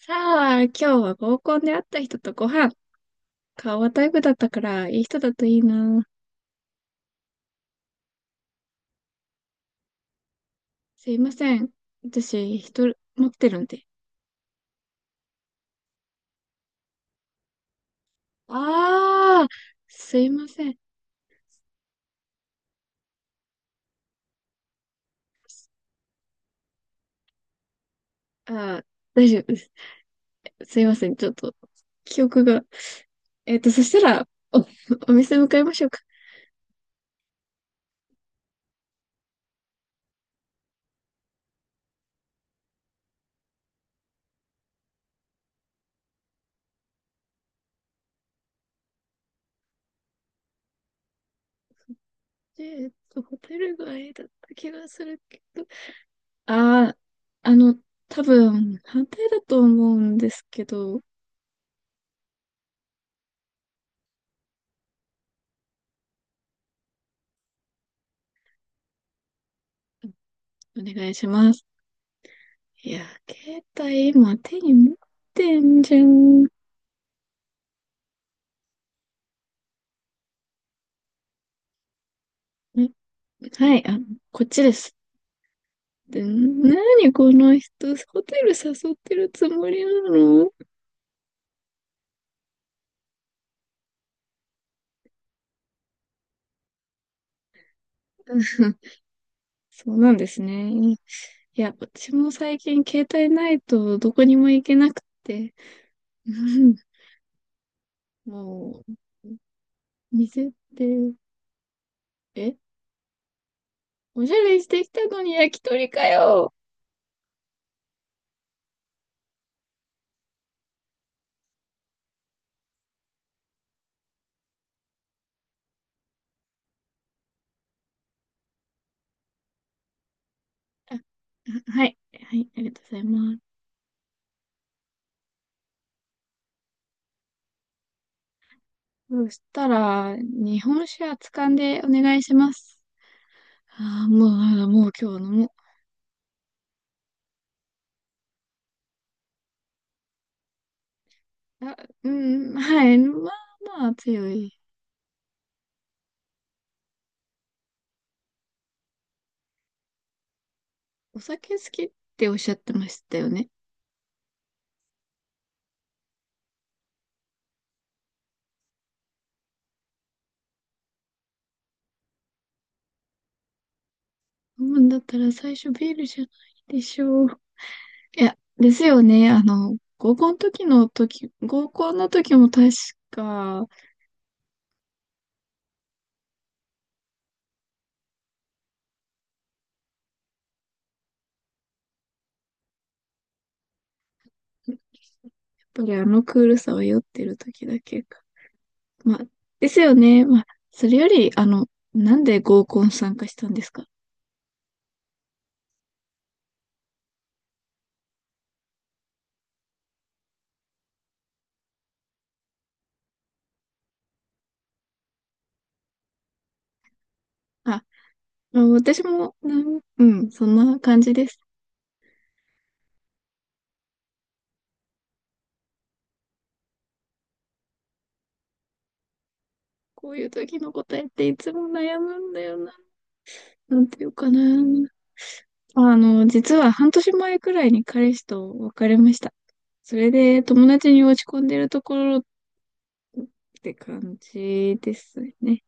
さあ、今日は合コンで会った人とご飯。顔はタイプだったから、いい人だといいな。すいません。私、人持ってるんで。ああ、すいません。ああ、大丈夫です。すいません。ちょっと、記憶が。そしたら、お店向かいましょうか。ホテル街だった気がするけど。ああ、あの、多分、反対だと思うんですけど、お願いします。いや、携帯今手に持ってんじゃん。えはい、あ、こっちです。で、なにこの人、ホテル誘ってるつもりなの？ そうなんですね。いや、私も最近携帯ないとどこにも行けなくて、うん、もう、店って、え、おしゃれしてきたのに焼き鳥かよ。あ、はい、はい、ありがとうございます。そしたら、日本酒はつかんでお願いします。ああ、もう、あ、もう今日飲もう。あ、うん、はい。まあまあ強い。お酒好きっておっしゃってましたよね。飲むんだったら最初ビールじゃないでしょう。いや、ですよね。合コンの時も確か、やっぱりあのクールさは酔ってる時だけか。まあ、ですよね。まあ、それより、なんで合コン参加したんですか？あ、まあ私も、うん、そんな感じです。こういう時の答えっていつも悩むんだよな。なんていうかな。実は半年前くらいに彼氏と別れました。それで友達に落ち込んでるところって感じですね。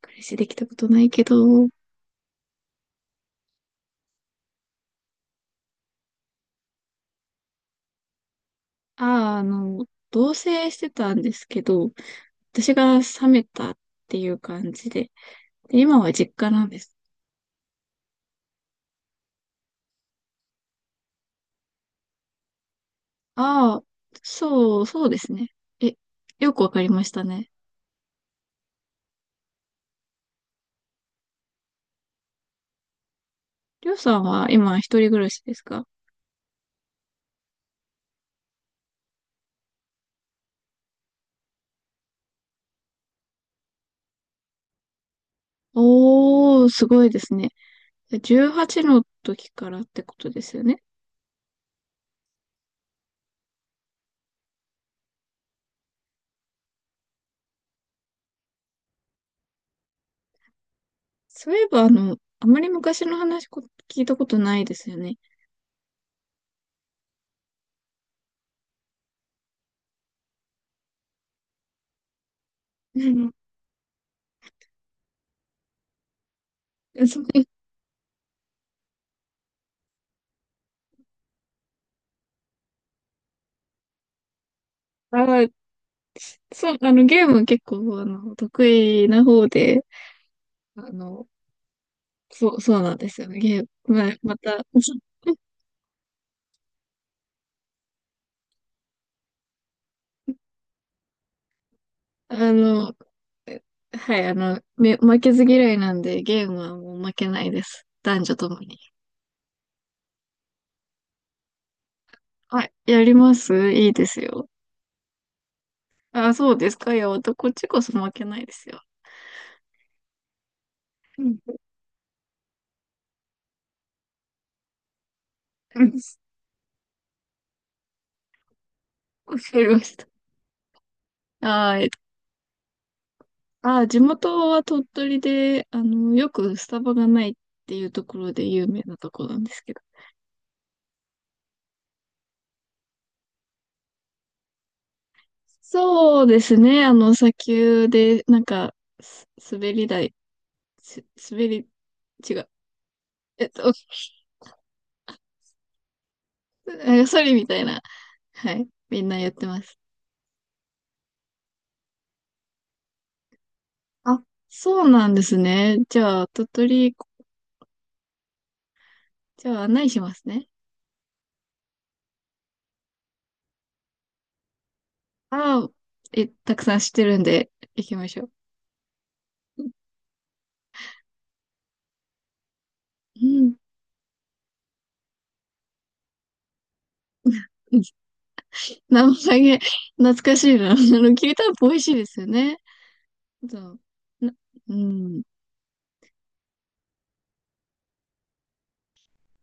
彼氏できたことないけど、ああ、同棲してたんですけど、私が冷めたっていう感じで、で今は実家なんです。ああ、そう、そうですね。え、よくわかりましたね。りょうさんは今一人暮らしですか？おー、すごいですね。18の時からってことですよね。そういえば、あまり昔の話聞いたことないですよね。うん。そう、あ、そう、ゲーム結構、得意な方で、あの、そう、そうなんですよね。ゲーム、まあ、また、あの、はい、負けず嫌いなんで、ゲームはもう負けないです。男女ともに。はい、やります、いいですよ。あ、そうですか。いや、こっちこそ負けないですよ。うん。うん、わかりました。あー、あ、地元は鳥取で、よくスタバがないっていうところで有名なところなんですけど。そうですね。砂丘で、なんか、す滑り台、す滑り、違う。えっと、なんかソリみたいな。はい。みんなやってます。あ、そうなんですね。じゃあ、鳥取、じゃあ案内しますね。ああ、たくさん知ってるんで、行きましょう。うん。生ハゲ、懐かしいな。きりたんぽ美味しいですよね。そう。な、うん。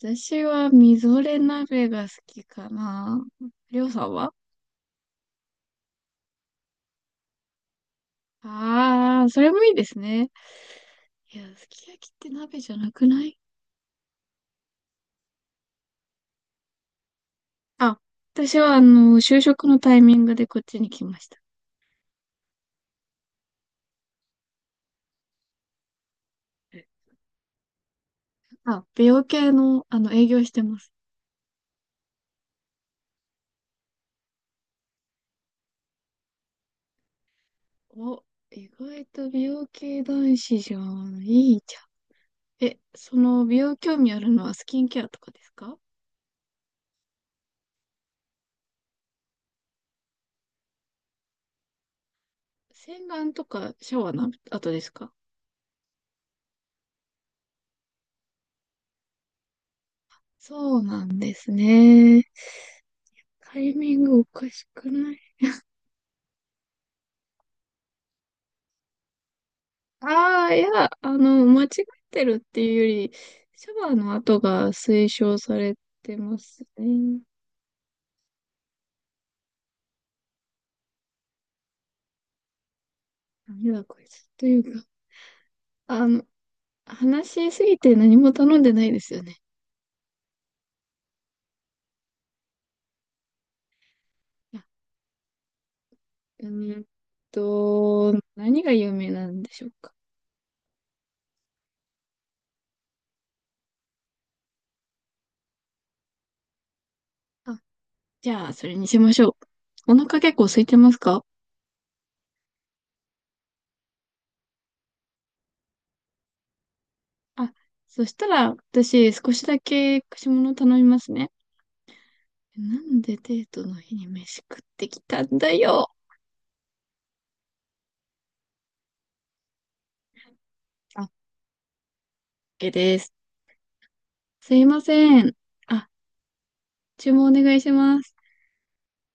私は、みぞれ鍋が好きかな。りょうさんは？ああー、それもいいですね。いや、すき焼きって鍋じゃなくない？あ、私は、就職のタイミングでこっちに来ました。あ、美容系の、営業してます。お、意外と美容系男子じゃん。いいじゃん。その美容興味あるのはスキンケアとかですか？洗顔とかシャワーの後ですか？そうなんですね。タイミングおかしくない？ああー、いや、間違ってるっていうより、シャワーの後が推奨されてますね。ダメだ、こいつ。というか、あの、話しすぎて何も頼んでないですよね。うーん何が有名なんでしょうか。あ、じゃあ、それにしましょう。お腹結構空いてますか？あ、そしたら、私、少しだけ串物頼みますね。なんでデートの日に飯食ってきたんだよ。あ、OK です。すいません。あ、注文お願いします。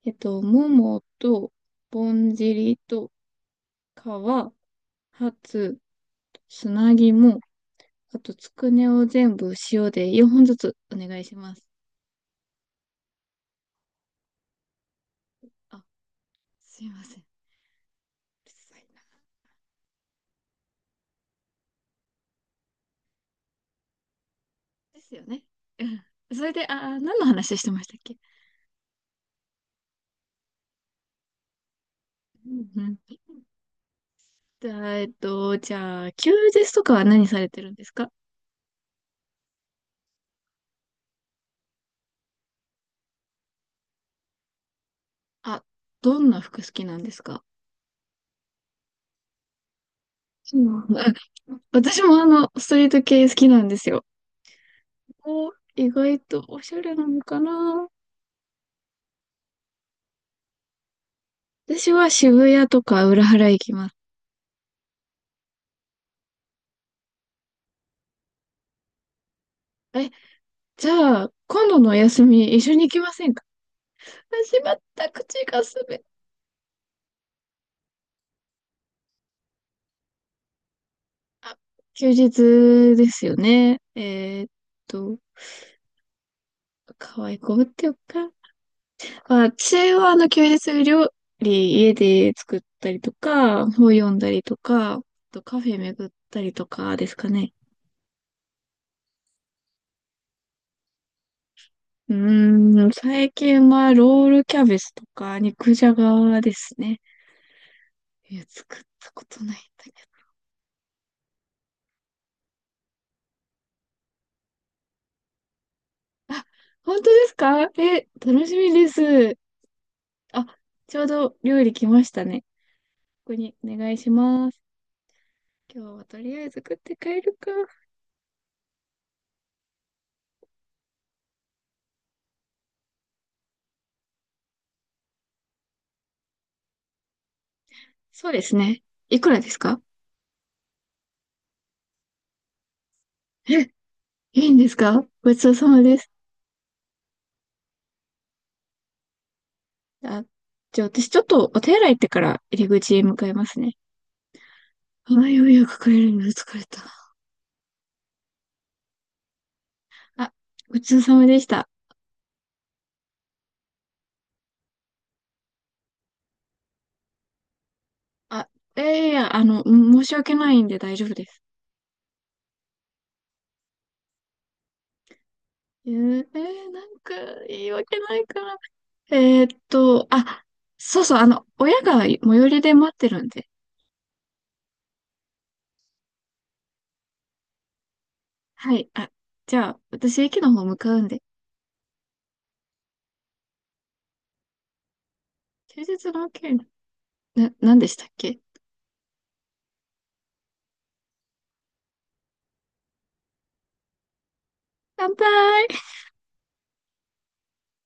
ももと、ぼんじりと、皮、ハツ、砂肝、あと、つくねを全部塩で4本ずつお願いします。あ、すいません。うるさいな。ですよね。うん。それで、何の話してましたっけ？うん、うん。じゃあ、じゃあ、休日とかは何されてるんですか？あ、どんな服好きなんですか？うん、私もストリート系好きなんですよ。お、意外とおしゃれなのかな？私は渋谷とか裏原行きます。え、じゃあ、今度のお休み一緒に行きませんか？あ、しまった、口が滑る。休日ですよね。ーっと、可愛い子ぶってよっか。私はあの休日料理家で作ったりとか、本読んだりとか、あとカフェ巡ったりとかですかね。最近はロールキャベツとか肉じゃがですね。いや、作ったことないんだけど。あ、本当ですか？え、楽しみです。あ、ちょうど料理来ましたね。ここにお願いします。今日はとりあえず食って帰るか。そうですね。いくらですか？え、いいんですか？ごちそうさまです。あ、じゃあ私ちょっとお手洗い行ってから入り口へ向かいますね。あ、ようやく帰れるの疲れた。あ、ごちそうさまでした。あ、いやいや、申し訳ないんで大丈夫です。なんか言い訳ないから。あ、そうそう、親が最寄りで待ってるんで。はい、あ、じゃあ私駅の方向かうんで。休日の件、何でしたっけ？乾杯